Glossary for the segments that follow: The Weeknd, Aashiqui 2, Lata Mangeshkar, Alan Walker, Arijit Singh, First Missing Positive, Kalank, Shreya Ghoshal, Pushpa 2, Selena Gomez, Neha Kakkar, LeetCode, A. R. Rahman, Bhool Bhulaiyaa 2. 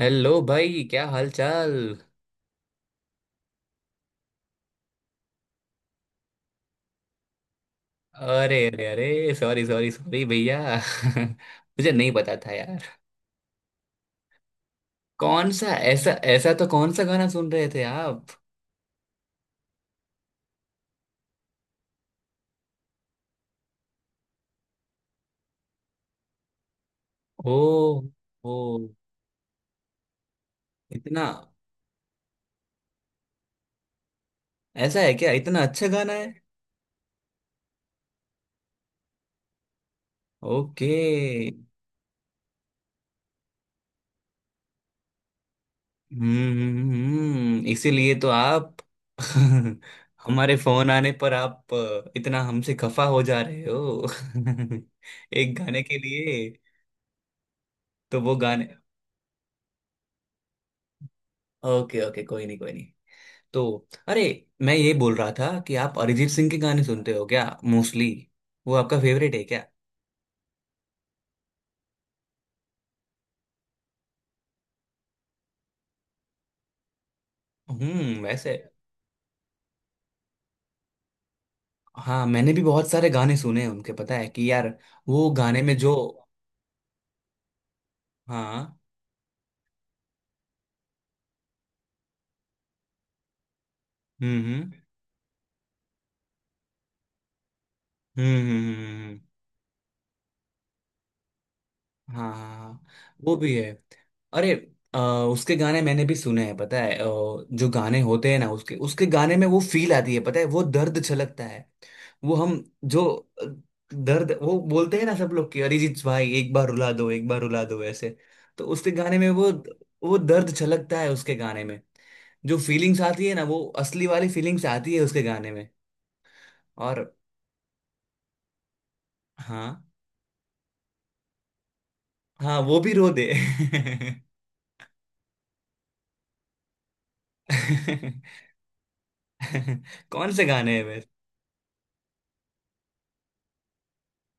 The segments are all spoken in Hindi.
हेलो भाई क्या हाल चाल। अरे अरे अरे सॉरी सॉरी सॉरी भैया मुझे नहीं पता था यार। कौन सा ऐसा ऐसा तो कौन सा गाना सुन रहे थे आप? ओ। ओ। इतना। ऐसा है क्या, इतना अच्छा गाना है? ओके। इसीलिए तो आप हमारे फोन आने पर आप इतना हमसे खफा हो जा रहे हो? एक गाने के लिए? तो वो गाने। ओके ओके, कोई नहीं कोई नहीं। तो अरे, मैं ये बोल रहा था कि आप अरिजीत सिंह के गाने सुनते हो क्या मोस्टली? वो आपका फेवरेट है क्या? वैसे। हाँ, मैंने भी बहुत सारे गाने सुने हैं उनके, पता है कि यार वो गाने में जो हाँ। हम्म हम्म हम्म हम्म, हम्म, हम्म, हम्म। हाँ हाँ, हाँ, वो भी है। अरे अ, उसके गाने मैंने भी सुने हैं पता है। जो गाने होते हैं ना उसके उसके गाने में वो फील आती है पता है, वो दर्द छलकता है। वो हम जो अ, दर्द वो बोलते हैं ना सब लोग कि अरिजीत भाई एक बार रुला दो, एक बार रुला दो ऐसे। तो उसके गाने में वो दर्द छलकता है उसके गाने में। जो फीलिंग्स आती है ना, वो असली वाली फीलिंग्स आती है उसके गाने में। और हाँ, हाँ वो भी रो दे। कौन से गाने हैं?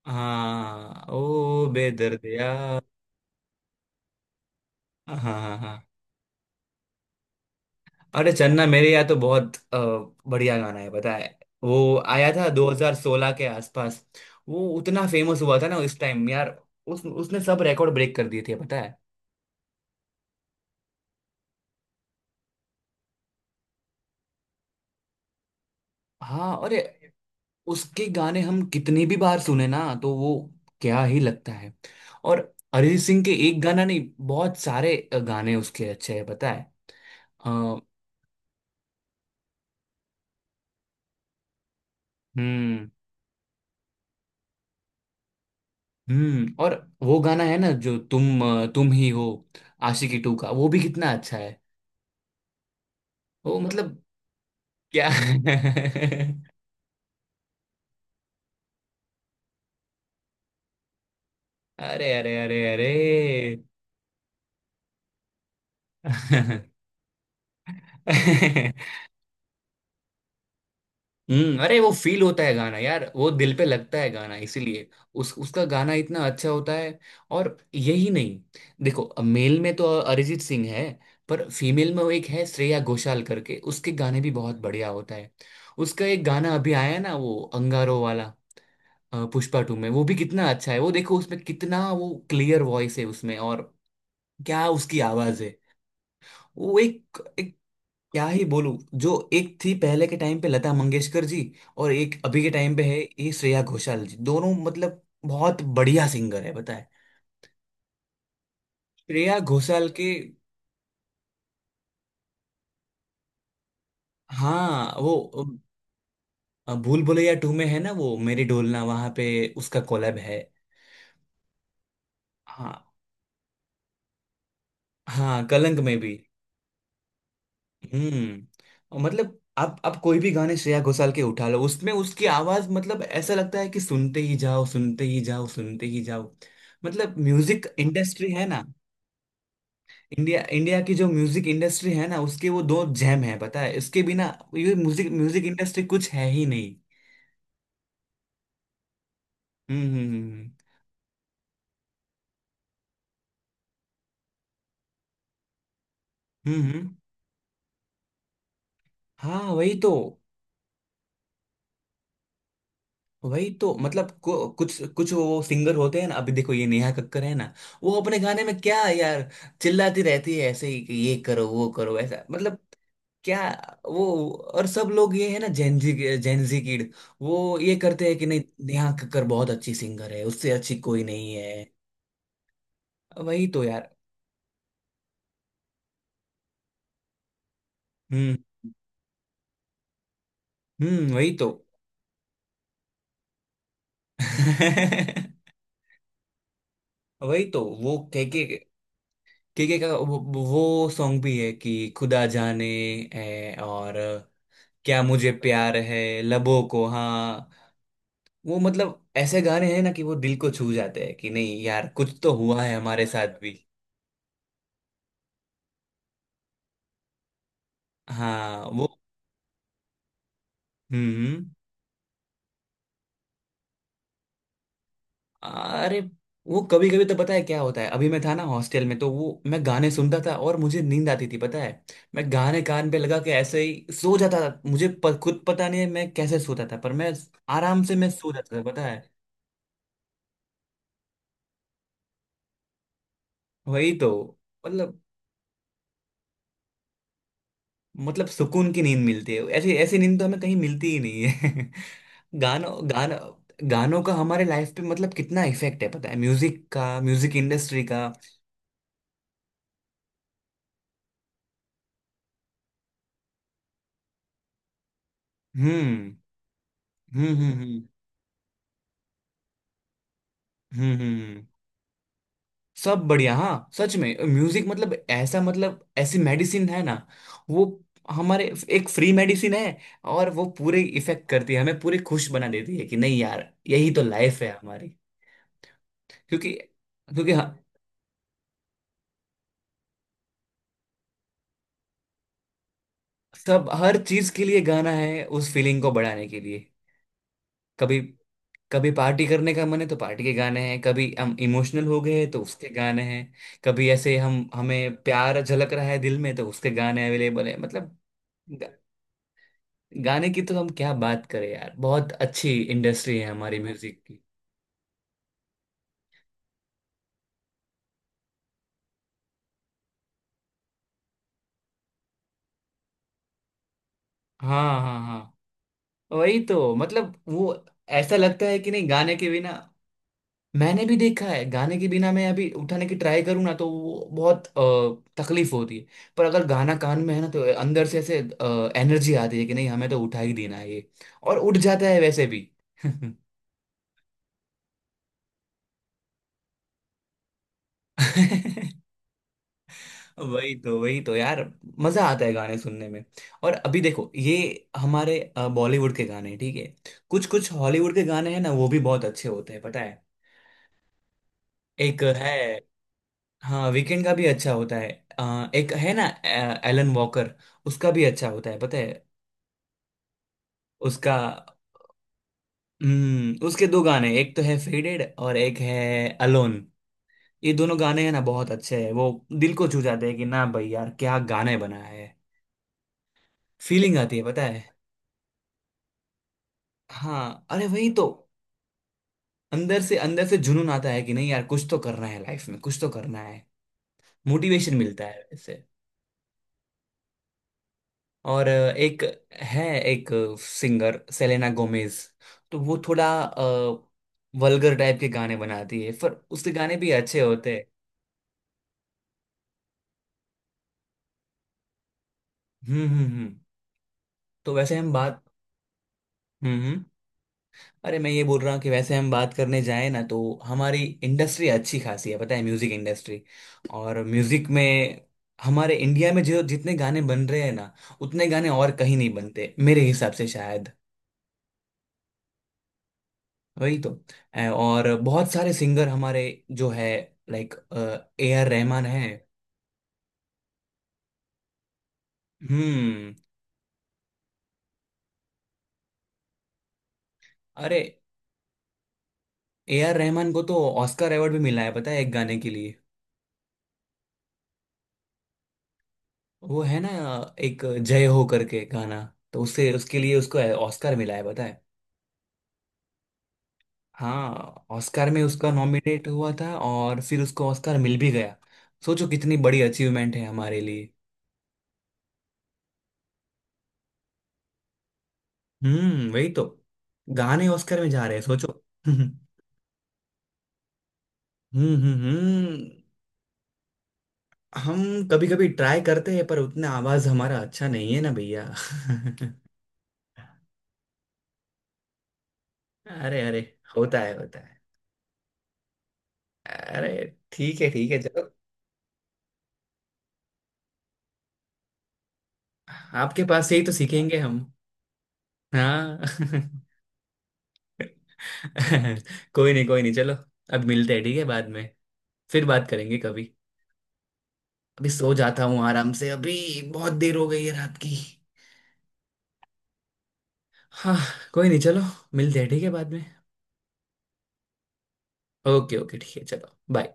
हाँ, ओ बेदर्द यार। हाँ हाँ। हाँ अरे, चन्ना मेरे यहाँ तो बहुत बढ़िया गाना है पता है। वो आया था 2016 के आसपास। वो उतना फेमस हुआ था ना उस टाइम यार। उस उसने सब रिकॉर्ड ब्रेक कर दिए थे पता है। हाँ अरे, उसके गाने हम कितनी भी बार सुने ना, तो वो क्या ही लगता है। और अरिजीत सिंह के एक गाना नहीं, बहुत सारे गाने उसके अच्छे हैं पता है। अ, हम्म और वो गाना है ना जो तुम तुम ही हो, आशिकी टू का, वो भी कितना अच्छा है। वो मतलब क्या। अरे अरे अरे अरे। अरे वो फील होता है गाना यार, वो दिल पे लगता है गाना, इसीलिए उस उसका गाना इतना अच्छा होता है। और यही नहीं, देखो, मेल में तो अरिजीत सिंह है, पर फीमेल में वो एक है श्रेया घोषाल करके, उसके गाने भी बहुत बढ़िया होता है। उसका एक गाना अभी आया है ना, वो अंगारो वाला, पुष्पा टू में, वो भी कितना अच्छा है। वो देखो, उसमें कितना वो क्लियर वॉइस है उसमें। और क्या उसकी आवाज है। वो एक एक क्या ही बोलूं। जो एक थी पहले के टाइम पे लता मंगेशकर जी, और एक अभी के टाइम पे है ये श्रेया घोषाल जी। दोनों मतलब बहुत बढ़िया सिंगर है बताए। श्रेया घोषाल के हाँ वो भूल भुलैया टू में है ना वो मेरी डोलना, वहां पे उसका कोलैब है। हाँ हाँ, कलंक में भी। हम्म। और मतलब आप कोई भी गाने श्रेया घोषाल के उठा लो, उसमें उसकी आवाज मतलब ऐसा लगता है कि सुनते ही जाओ, सुनते ही जाओ, सुनते ही जाओ। मतलब म्यूजिक इंडस्ट्री है ना, इंडिया इंडिया की जो म्यूजिक इंडस्ट्री है ना, उसके वो दो जैम है पता है। इसके बिना ये म्यूजिक म्यूजिक इंडस्ट्री कुछ है ही नहीं। हम्म हम्म हम्म हम्म हम्म, हम्म। हाँ वही तो। वही तो मतलब कुछ कुछ वो सिंगर होते हैं ना, अभी देखो ये नेहा कक्कर है ना, वो अपने गाने में क्या यार चिल्लाती रहती है, ऐसे ही कि ये करो वो करो, ऐसा मतलब क्या। वो और सब लोग, ये है ना जेनजी, जेनजी किड, वो ये करते हैं कि नहीं नेहा कक्कर बहुत अच्छी सिंगर है, उससे अच्छी कोई नहीं है। वही तो यार। हम्म वही तो। वही तो वो कह के केके का वो सॉन्ग भी है कि खुदा जाने है, और क्या मुझे प्यार है लबों को। हाँ वो मतलब ऐसे गाने हैं ना, कि वो दिल को छू जाते हैं कि नहीं यार, कुछ तो हुआ है हमारे साथ भी। हाँ वो हम्म हम्म। अरे, वो कभी कभी तो पता है क्या होता है, अभी मैं था ना हॉस्टल में, तो वो मैं गाने सुनता था और मुझे नींद आती थी पता है। मैं गाने कान पे लगा के ऐसे ही सो जाता था, मुझे खुद पता नहीं है मैं कैसे सोता था, पर मैं आराम से मैं सो जाता था पता है। वही तो मतलब, मतलब सुकून की नींद मिलती है, ऐसी ऐसी नींद तो हमें कहीं मिलती ही नहीं है। गानों गानों, गानों का हमारे लाइफ पे मतलब कितना इफेक्ट है पता है, म्यूजिक का, म्यूजिक इंडस्ट्री का। हम्म हम्म हम्म हम्म हम्म हम्म। हम्म। सब बढ़िया। हाँ सच में, म्यूजिक मतलब ऐसा, मतलब ऐसी मेडिसिन है ना वो हमारे, एक फ्री मेडिसिन है, और वो पूरे इफेक्ट करती है हमें, पूरे खुश बना देती है, कि नहीं यार यही तो लाइफ है हमारी। क्योंकि क्योंकि सब हर चीज के लिए गाना है, उस फीलिंग को बढ़ाने के लिए। कभी कभी पार्टी करने का मन है तो पार्टी के गाने हैं, कभी हम इमोशनल हो गए तो उसके गाने हैं, कभी ऐसे हम हमें प्यार झलक रहा है दिल में, तो उसके गाने अवेलेबल है मतलब। गा, गाने की तो हम क्या बात करें यार, बहुत अच्छी इंडस्ट्री है हमारी म्यूजिक की। हाँ हाँ हाँ। वही तो मतलब वो ऐसा लगता है कि नहीं गाने के बिना। मैंने भी देखा है, गाने के बिना मैं अभी उठाने की ट्राई करूँ ना तो वो बहुत तकलीफ होती है। पर अगर गाना कान में है ना, तो अंदर से ऐसे एनर्जी आती है कि नहीं हमें तो उठा ही देना है ये, और उठ जाता है वैसे भी। वही तो। वही तो यार, मजा आता है गाने सुनने में। और अभी देखो ये हमारे बॉलीवुड के गाने ठीक है, कुछ कुछ हॉलीवुड के गाने हैं ना, वो भी बहुत अच्छे होते हैं पता है। एक है, हाँ वीकेंड का भी अच्छा होता है। एक है ना, एलन वॉकर, उसका भी अच्छा होता है पता है। उसका हम्म, उसके दो गाने, एक तो है फेडेड और एक है अलोन। ये दोनों गाने हैं ना बहुत अच्छे हैं वो, दिल को छू जाते हैं कि ना भाई यार क्या गाने बनाया है, फीलिंग आती है पता है। हाँ अरे वही तो, अंदर से जुनून आता है कि नहीं यार, कुछ तो करना है लाइफ में, कुछ तो करना है। मोटिवेशन मिलता है वैसे। और है एक सिंगर सेलेना गोमेज, तो वो थोड़ा वल्गर टाइप के गाने बनाती है, पर उसके गाने भी अच्छे होते हैं। हम्म हम्म हम्म तो वैसे हम बात हम्म हम्म अरे, मैं ये बोल रहा हूँ कि वैसे हम बात करने जाए ना, तो हमारी इंडस्ट्री अच्छी खासी है पता है, म्यूजिक इंडस्ट्री। और म्यूजिक में हमारे इंडिया में जो जितने गाने बन रहे हैं ना, उतने गाने और कहीं नहीं बनते मेरे हिसाब से शायद। वही तो। और बहुत सारे सिंगर हमारे जो है, लाइक A R रहमान है। हम्म। अरे, A R रहमान को तो ऑस्कर अवार्ड भी मिला है पता है, एक गाने के लिए। वो है ना एक जय हो करके गाना, तो उससे उसके लिए उसको ऑस्कर मिला है पता है। हाँ, ऑस्कर में उसका नॉमिनेट हुआ था और फिर उसको ऑस्कर मिल भी गया। सोचो कितनी बड़ी अचीवमेंट है हमारे लिए। वही तो, गाने ऑस्कर में जा रहे हैं, सोचो। हम्म हम्म हम्म हम कभी कभी ट्राई करते हैं, पर उतना आवाज हमारा अच्छा नहीं है ना भैया। अरे अरे, होता है होता है। अरे ठीक है चलो, आपके पास से ही तो सीखेंगे हम। हाँ। कोई नहीं चलो, अब मिलते हैं ठीक है, बाद में फिर बात करेंगे कभी। अभी सो जाता हूँ आराम से अभी, बहुत देर हो गई है रात की। हाँ, कोई नहीं चलो, मिलते हैं ठीक है बाद में। ओके ओके ठीक है चलो, बाय।